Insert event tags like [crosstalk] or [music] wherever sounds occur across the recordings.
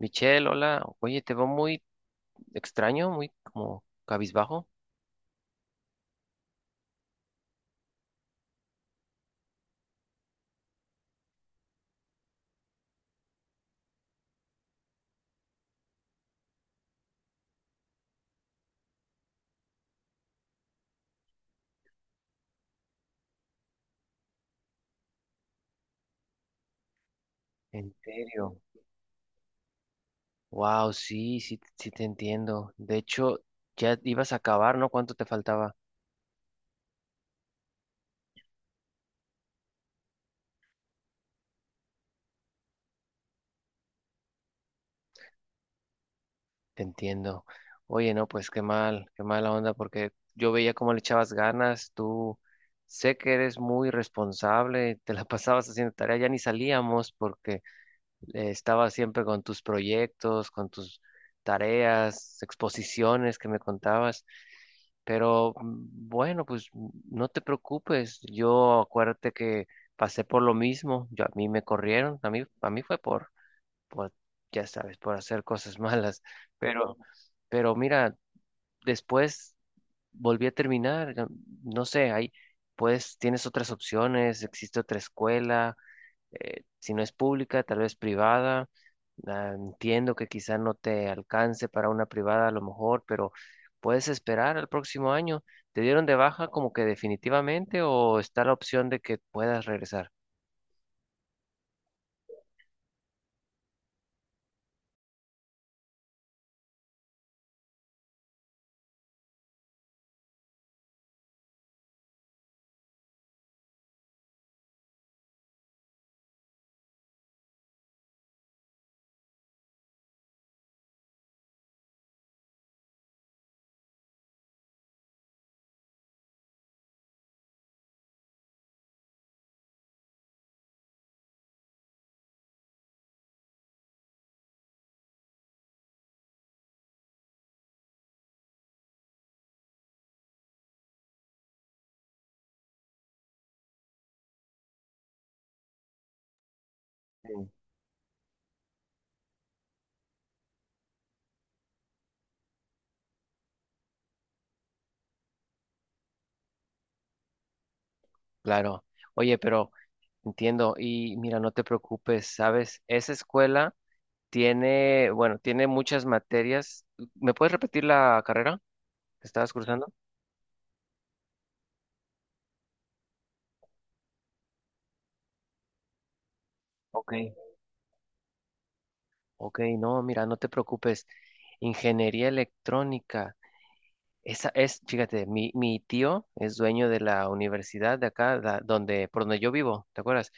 Michelle, hola. Oye, te veo muy extraño, muy como cabizbajo. ¿En serio? Wow, sí, sí, sí te entiendo. De hecho, ya ibas a acabar, ¿no? ¿Cuánto te faltaba? Te entiendo. Oye, no, pues qué mal, qué mala onda, porque yo veía cómo le echabas ganas. Tú sé que eres muy responsable, te la [laughs] pasabas haciendo tarea, ya ni salíamos porque estabas siempre con tus proyectos, con tus tareas, exposiciones que me contabas. Pero bueno, pues no te preocupes. Yo acuérdate que pasé por lo mismo. Yo, a mí me corrieron. A mí fue por, ya sabes, por hacer cosas [laughs] malas. Pero, pero mira, después volví a terminar. No no sé, ahí, pues tienes otras opciones. Existe otra escuela, si no es pública, tal vez privada. Ah, entiendo que quizá no te alcance para una privada a lo mejor, pero puedes esperar al próximo año. ¿Te dieron de baja como que definitivamente o está la opción de que puedas regresar? Mm, Claro. Oye, pero entiendo y mira, no te preocupes, ¿sabes? Esa escuela tiene, bueno, tiene muchas materias. ¿Me puedes repetir la carrera que estabas cursando? Ok. Ok, no, mira, no te preocupes. Ingeniería electrónica. Esa es, fíjate, mi tío es dueño de la universidad de acá, donde, por donde yo vivo, ¿te acuerdas?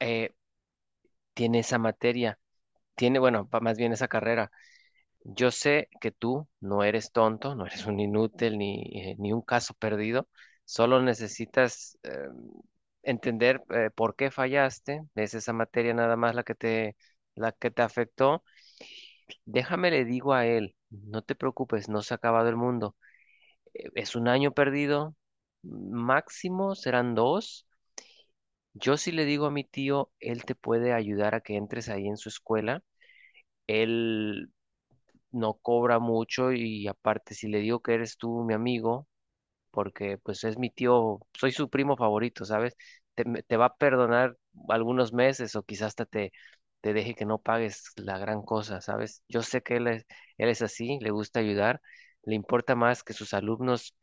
eh, tiene esa materia, tiene, bueno, más bien esa carrera. Yo sé que tú no eres tonto, no eres un inútil ni, ni un caso perdido, solo necesitas entender, por qué fallaste, es esa materia nada más la que te afectó. Déjame le digo a él, no te preocupes, no se ha acabado el mundo. Es un año perdido, máximo serán dos. Yo sí le digo a mi tío, él te puede ayudar a que entres ahí en su escuela. Él no cobra mucho y aparte, si le digo que eres tú mi amigo, porque pues es mi tío, soy su primo favorito, ¿sabes? Te, te va a perdonar algunos meses o quizás hasta te, te deje que no pagues la gran cosa, ¿sabes? Yo sé que él es así, le gusta ayudar, le importa más que sus alumnos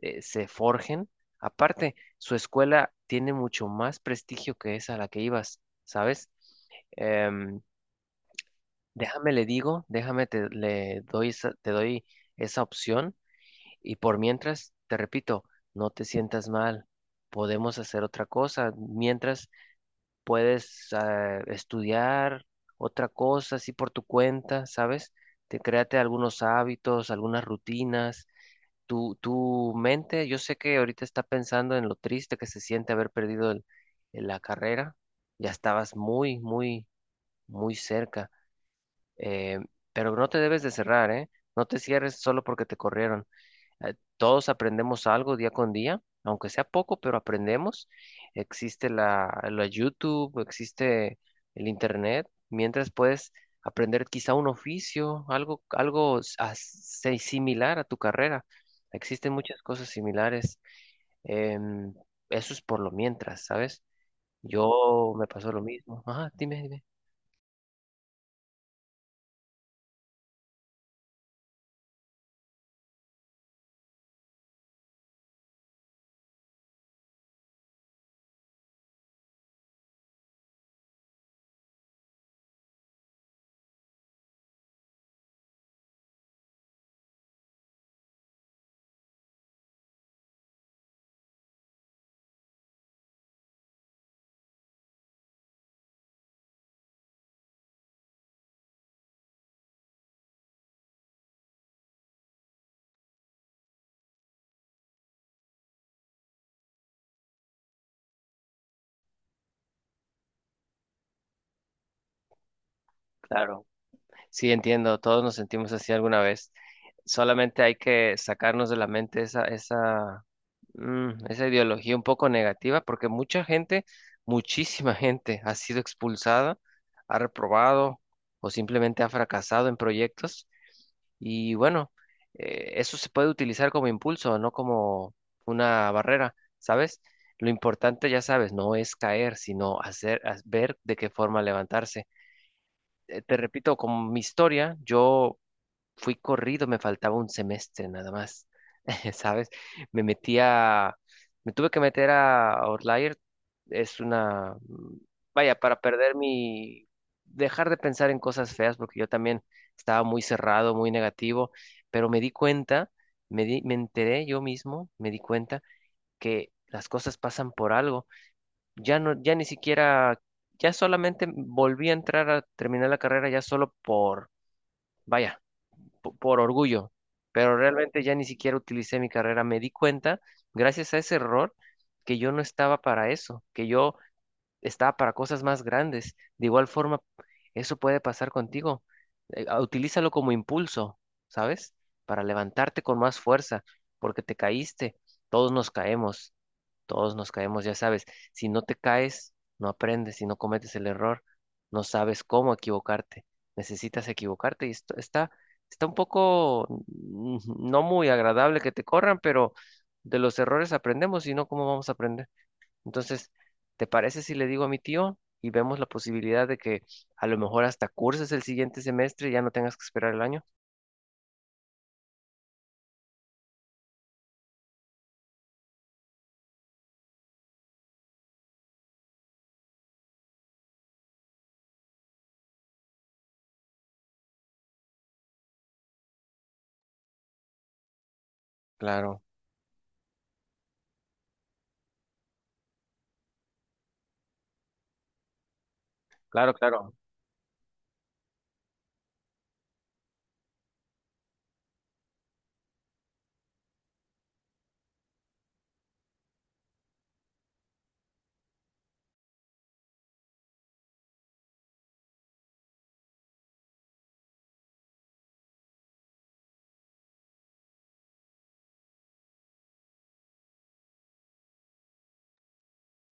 se forjen. Aparte, su escuela tiene mucho más prestigio que esa a la que ibas, ¿sabes? Em, déjame le digo, déjame te, le doy, te doy esa opción y por mientras, te repito, no te sientas mal. Podemos hacer otra cosa. Mientras puedes, estudiar otra cosa así por tu cuenta, ¿sabes? Te créate algunos hábitos, algunas rutinas. Tu mente, yo sé que ahorita está pensando en lo triste que se siente haber perdido la carrera. Ya estabas muy, muy, muy cerca. Eh, pero no te debes de cerrar, ¿eh? No te cierres solo porque te corrieron. Todos aprendemos algo día con día, aunque sea poco, pero aprendemos. Existe la, la YouTube, existe el Internet, mientras puedes aprender quizá un oficio, algo, similar a tu carrera. Existen muchas cosas similares. em, eso es por lo mientras, ¿sabes? Yo me pasó lo mismo. Ajá, dime, dime. Claro. Sí, entiendo, todos nos sentimos así alguna vez. Solamente hay que sacarnos de la mente esa, esa ideología un poco negativa, porque mucha gente, muchísima [laughs] gente ha sido expulsada, ha reprobado o simplemente ha fracasado en proyectos. Y bueno, eso se puede utilizar como impulso, no como una barrera, ¿sabes? Lo importante, ya sabes, no es caer, sino hacer, ver de qué forma levantarse. Te repito, con mi historia, yo fui corrido, me faltaba un semestre nada más, [laughs] ¿sabes? Me metí a, me tuve que meter a Outlier, es una, vaya, para perder mi, dejar de pensar en cosas feas, porque yo también estaba muy cerrado, muy negativo, pero me di cuenta, me enteré yo mismo, me di cuenta que las cosas pasan por algo, ya no, ya ni siquiera, ya solamente volví a entrar a terminar la carrera ya solo por, vaya, por orgullo, pero realmente ya ni siquiera utilicé mi carrera. Me di cuenta, gracias a ese error, que yo no estaba para eso, que yo estaba para cosas más grandes. De igual forma, eso puede pasar contigo. Utilízalo como impulso, ¿sabes? Para levantarte con más fuerza, porque te caíste. Todos nos caemos. Todos nos caemos, ya sabes. Si no te caes, no aprendes. Si no cometes el error, no sabes cómo equivocarte. Necesitas equivocarte. Y esto está, está un poco no muy agradable que te corran, pero de los errores aprendemos, si no, ¿cómo vamos a aprender? Entonces, ¿te parece si le digo a mi tío y vemos la posibilidad de que a lo mejor hasta curses el siguiente semestre y ya no tengas que esperar el año? Claro, claro, claro,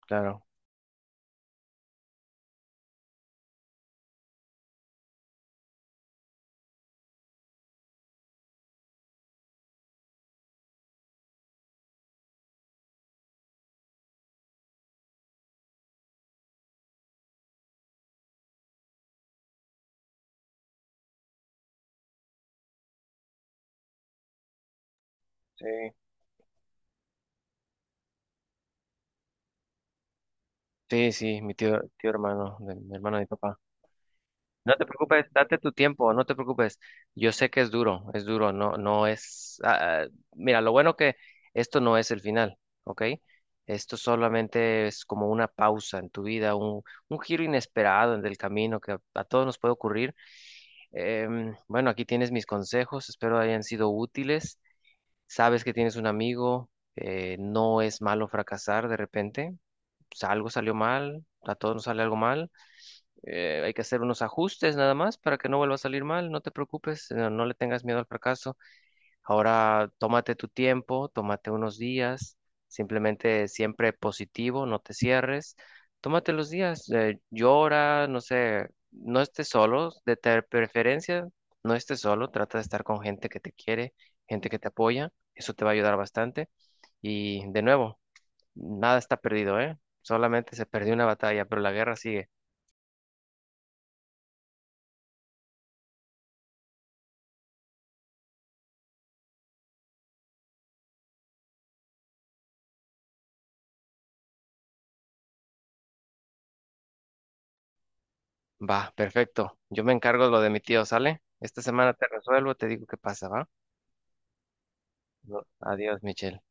claro. Sí. Sí, sí, mi tío, tío hermano de mi papá. No te preocupes, date tu tiempo, no te preocupes. Yo sé que es duro, no, no es. Mira, lo bueno que esto no es el final, ¿ok? Esto solamente es como una pausa en tu vida, un giro inesperado en el camino que a todos nos puede ocurrir. Bueno, aquí tienes mis consejos, espero hayan sido útiles. Sabes que tienes un amigo, no es malo fracasar de repente. O algo salió mal, a todos nos sale algo mal, hay que hacer unos ajustes nada más para que no vuelva a salir mal, no te preocupes, no, no le tengas miedo al fracaso. Ahora tómate tu tiempo, tómate unos días, simplemente siempre positivo, no te cierres, tómate los días, llora, no sé, no estés solo, de preferencia, no estés solo, trata de estar con gente que te quiere, gente que te apoya, eso te va a ayudar bastante. Y de nuevo, nada está perdido, ¿eh? Solamente se perdió una batalla, pero la guerra sigue. Va, perfecto. Yo me encargo de lo de mi tío, ¿sale? Esta semana te resuelvo, te digo qué pasa, ¿va? No, adiós, Michelle.